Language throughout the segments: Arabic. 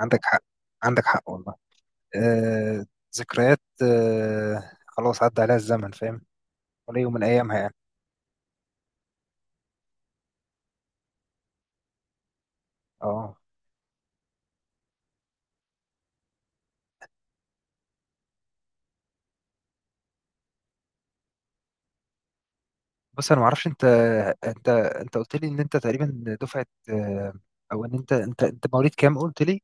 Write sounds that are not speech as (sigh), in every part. عندك حق، عندك حق والله. آه ذكريات، خلاص عدى عليها الزمن، فاهم. ولا يوم من ايامها يعني. اه بص، انا ما اعرفش انت. انت قلت لي ان انت تقريبا دفعه، او ان انت مواليد كام قلت لي.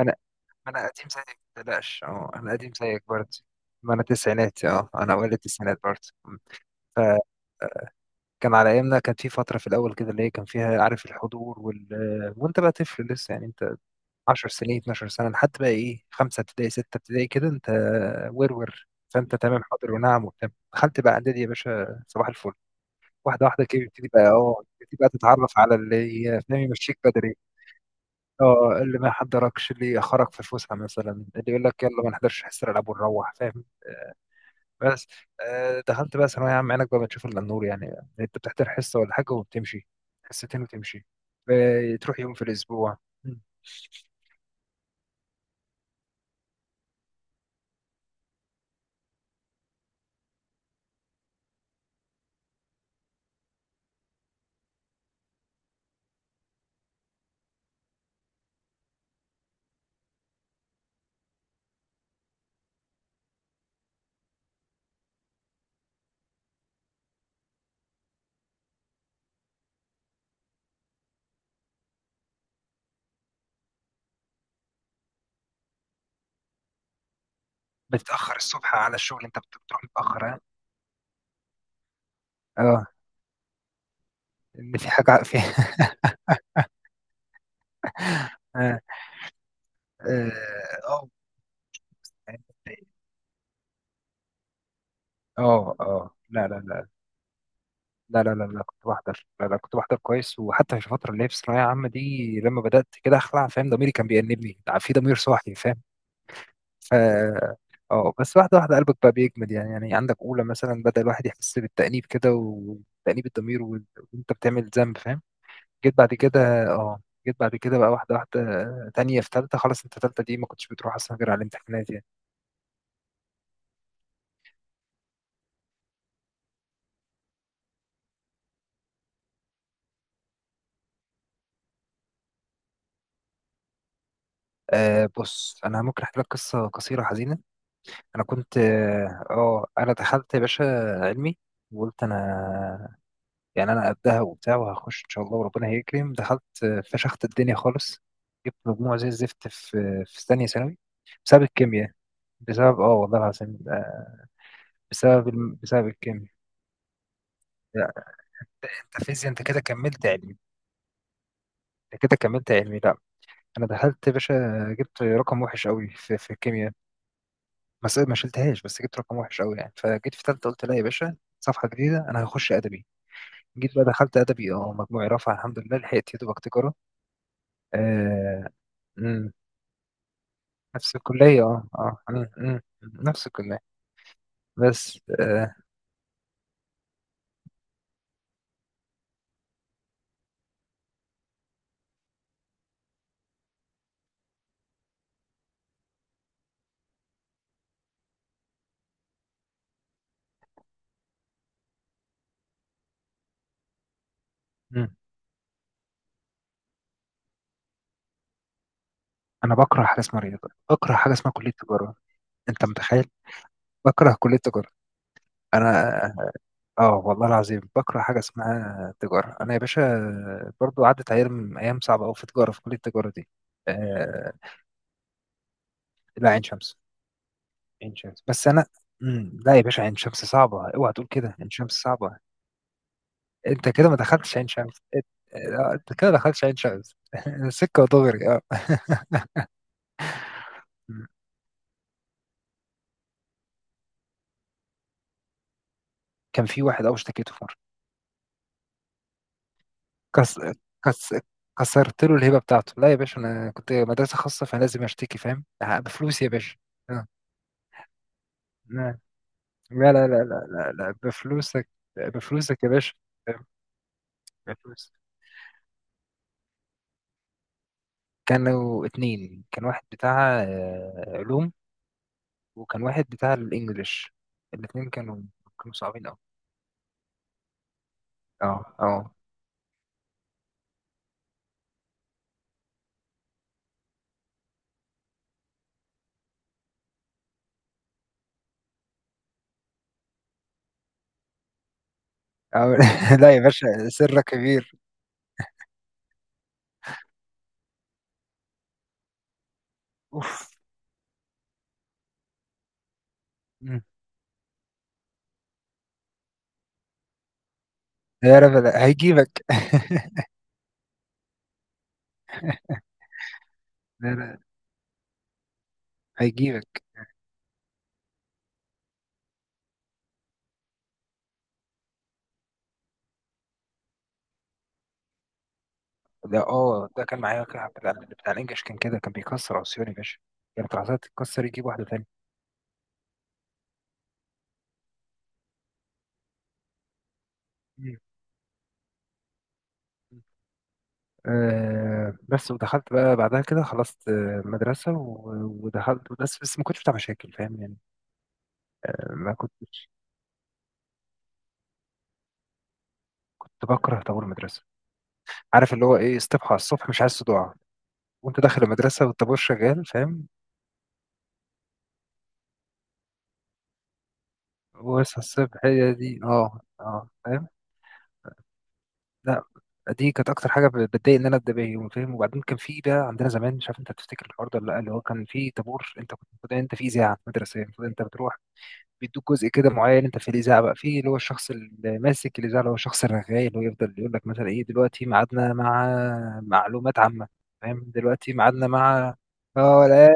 انا انا قديم زيك ما تقلقش، انا قديم زيك برضه. ما انا تسعيناتي، انا اوائل التسعينات برضه. فكان على ايامنا كان في فتره في الاول كده اللي هي كان فيها، عارف، الحضور وانت بقى طفل لسه يعني. انت 10 سنين، 12 سنة، حتى بقى ايه، خمسة ابتدائي، ستة ابتدائي كده انت ورور. فانت تمام، حاضر ونعم وبتاع. دخلت بقى اعدادي يا باشا صباح الفل. واحدة واحدة كده بتبتدي بقى تتعرف على اللي، فاهم، يمشيك بدري. اه اللي ما يحضركش، اللي يأخرك في الفسحة مثلا، اللي يقول لك يلا ما نحضرش حصة الألعاب ونروح، فاهم. بس دخلت بقى ثانوية عامة، عينك بقى بتشوف إلا النور يعني. انت بتحضر حصة ولا حاجة وبتمشي، حصتين وتمشي. آه، تروح يوم في الأسبوع. بتتأخر الصبح على الشغل؟ انت بتروح متأخر. آه، إن في حاجة في (laughs) آه، آه، اه اه، لا لا لا لا لا لا لا، كنت بحضر، لا لا كنت بحضر كويس. وحتى في الفترة اللي هي في الثانوية العامة دي لما بدأت كده أخلع، فاهم، ضميري كان بيأنبني، في ضمير صاحي، فاهم. ف اه بس واحدة واحدة قلبك بقى بيجمد يعني. يعني عندك أولى مثلا بدأ الواحد يحس بالتأنيب كده وتأنيب الضمير وأنت بتعمل ذنب، فاهم. جيت بعد كده، بقى واحدة واحدة، تانية في تالتة. خلاص أنت تالتة دي ما كنتش بتروح أصلا غير على الامتحانات يعني. آه بص انا ممكن احكي لك قصه قصيره حزينه. انا كنت، انا دخلت يا باشا علمي. وقلت انا، يعني، انا قدها وبتاع وهخش ان شاء الله وربنا هيكرم، دخلت، فشخت الدنيا خالص. جبت مجموع زي الزفت في ثانيه ثانوي، بسبب الكيمياء. بسبب، والله العظيم، بسبب الكيمياء. لا انت فيزياء، انت كده كملت علمي. انت كده كملت علمي، لا. انا دخلت يا باشا، جبت رقم وحش قوي في الكيمياء. ما شلتهاش، بس جبت رقم وحش قوي يعني، فجيت في ثالثه قلت لا يا باشا، صفحه جديده، انا هخش ادبي. جيت بقى دخلت ادبي، اه، مجموعي رفع الحمد لله، لحقت يا دوبك تجاره. آه. مم. نفس الكليه، اه اه، مم. مم. نفس الكليه. بس آه. مم. انا بكره حاجه اسمها رياضه، بكره حاجه اسمها كليه تجاره. انت متخيل؟ بكره كليه تجاره. انا، اه والله العظيم بكره حاجه اسمها تجاره. انا يا باشا برضو عدت ايام، ايام صعبه قوي في تجاره، في كليه التجاره دي. آه، لا عين شمس. عين شمس، بس انا، مم. لا يا باشا، عين شمس صعبه، اوعى تقول كده، عين شمس صعبه. انت كده ما دخلتش عين شمس، انت، أنت كده ما دخلتش عين شمس. (laughs) سكه ودغري اه. (laughs) مم. كان في واحد قوي اشتكيته في مره. كس... كس... كسرت له الهبه بتاعته. لا يا باشا انا كنت مدرسه خاصه، فلازم اشتكي، فاهم، آه، بفلوس يا باشا. آه. لا لا لا لا. لا، لا. بفلوسك، بفلوسك يا باشا، بفلوس. كانوا اتنين، كان واحد بتاع، علوم، وكان واحد بتاع الانجليش. الاتنين كانوا صعبين أوي. اه اه، (laughs) لا يا باشا سرك كبير. اوف. مم. يا رب لا هيجيبك. (laughs) لا لا، هيجيبك. ده، ده كان معايا واحد بتاع الانجليش كان كده، كان بيكسر عصيان يا باشا. كانت العصاية تتكسر، يجيب واحدة تانية. مم. آه بس ودخلت بقى بعدها كده، خلصت، آه، مدرسة، ودخلت، بس ما كنتش بتاع مشاكل، فاهم يعني. آه، ما كنتش. كنت بكره طابور المدرسة. عارف اللي هو ايه؟ استبحى على الصبح، مش عايز صداع وانت داخل المدرسة والطابور شغال، فاهم. واصحى الصبح هي دي، اه اه، فاهم. لا دي كانت اكتر حاجة بتضايق ان انا ابدا بيها يوم، فاهم. وبعدين كان في بقى عندنا زمان، مش عارف انت تفتكر الحوار ده ولا لا، اللي هو كان في طابور، انت كنت المفروض انت في اذاعة مدرسية، المفروض انت بتروح، بيدوك جزء كده معين انت في الاذاعة بقى، في اللي هو الشخص اللي ماسك الاذاعة، اللي هو الشخص الرغاي اللي هو يفضل يقول لك مثلا ايه دلوقتي ميعادنا مع معلومات عامة، فاهم، دلوقتي ميعادنا مع، اه لا،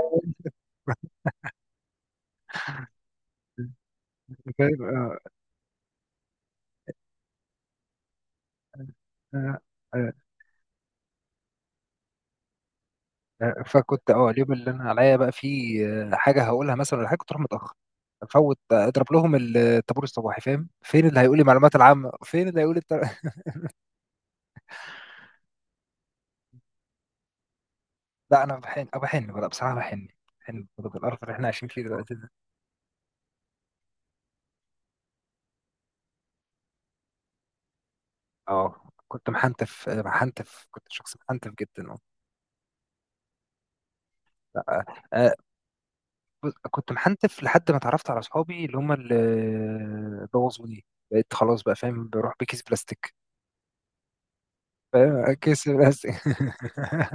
(laughs) فاهم اه. آه. آه، آه، فكنت، اليوم اللي انا عليا بقى فيه، آه، حاجه هقولها مثلا، ولا حاجه كنت اروح متاخر، افوت، آه، اضرب لهم الطابور الصباحي، فاهم، فين اللي هيقول لي المعلومات العامه، فين اللي هيقول لي (laughs) لا، انا بحن أو بحن بقى، بصراحه بحن. بحن برضه بالقرف اللي احنا عايشين فيه دلوقتي ده. اه كنت محنتف، محنتف، كنت شخص محنتف جدا، اه. لا، آه، بص، كنت محنتف لحد ما اتعرفت على اصحابي اللي هم اللي بوظوني. بقيت خلاص بقى، فاهم، بروح بكيس بلاستيك. فاهم؟ كيس بلاستيك. (laughs)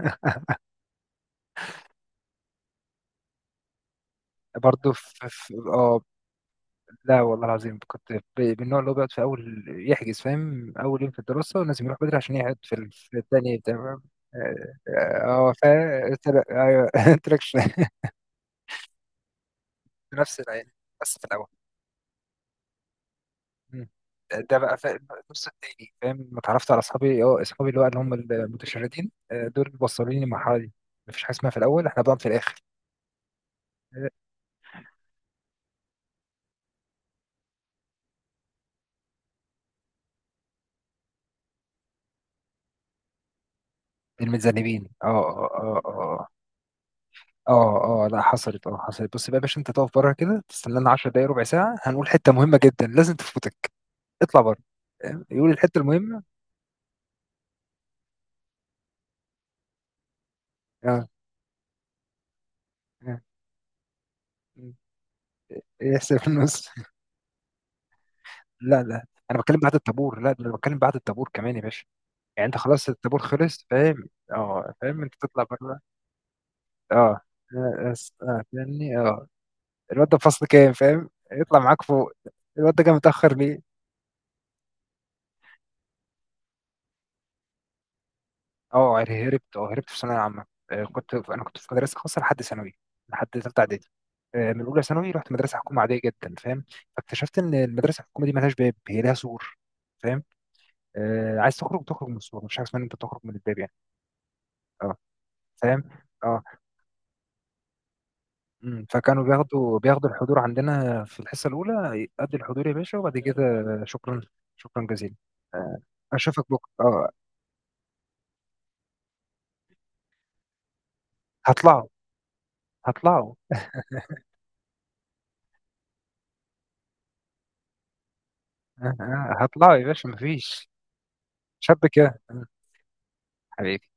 برضه في في- اه لا والله العظيم كنت، من النوع اللي هو بيقعد في اول يحجز، فاهم، اول يوم في الدراسه لازم يروح بدري عشان يقعد في في الثاني، تمام. اه اه، آه، ايوه، (laughs) قلت لك شوية. في نفس العين، بس في الاول، مم. ده بقى في النص التاني، فاهم، ما اتعرفت على اصحابي، اه اصحابي اللي هو اللي هم المتشردين، آه، دول اللي وصلوني للمرحله دي. مفيش حاجه اسمها في الاول احنا بنقعد في الاخر. آه، المتذنبين، اه اه اه، آه، آه. اه اه لا، حصلت، بس بقى يا باشا انت تقف بره كده، تستنى لنا 10 دقايق، ربع ساعه، هنقول حته مهمه جدا لازم تفوتك، اطلع بره، فاهم؟ يقول الحته المهمه. اه اه. م. يحسب في النص. (laughs) لا لا انا بتكلم بعد الطابور، لا ده انا بتكلم بعد الطابور كمان يا باشا. يعني انت خلاص الطابور خلص، فاهم اه، فاهم، انت تطلع بره. اه اه، اه فاهمني اه، الواد ده في فصل كام، فاهم، يطلع معاك فوق. الواد ده جه متاخر ليه؟ اه هربت، في ثانويه عامه، آه، كنت، انا كنت في مدرسه خاصه لحد ثانوي، لحد ثالثه اعدادي. آه، من اولى ثانوي رحت مدرسه حكومه عاديه جدا، فاهم. فاكتشفت ان المدرسه الحكومه دي ملهاش باب، هي لها سور. فاهم، آه، عايز تخرج تخرج من السور، مش حاجه اسمها ان انت تخرج من الباب يعني. اه، فاهم اه. أمم، فكانوا بياخدوا الحضور عندنا في الحصه الاولى، قد الحضور يا باشا، وبعد كده. شكرا. شكرا جزيلا. آه، اشوفك بكره اه. هطلعوا. هطلعوا، آه، آه، هطلعوا يا باشا مفيش. شاب كده. حبيبي.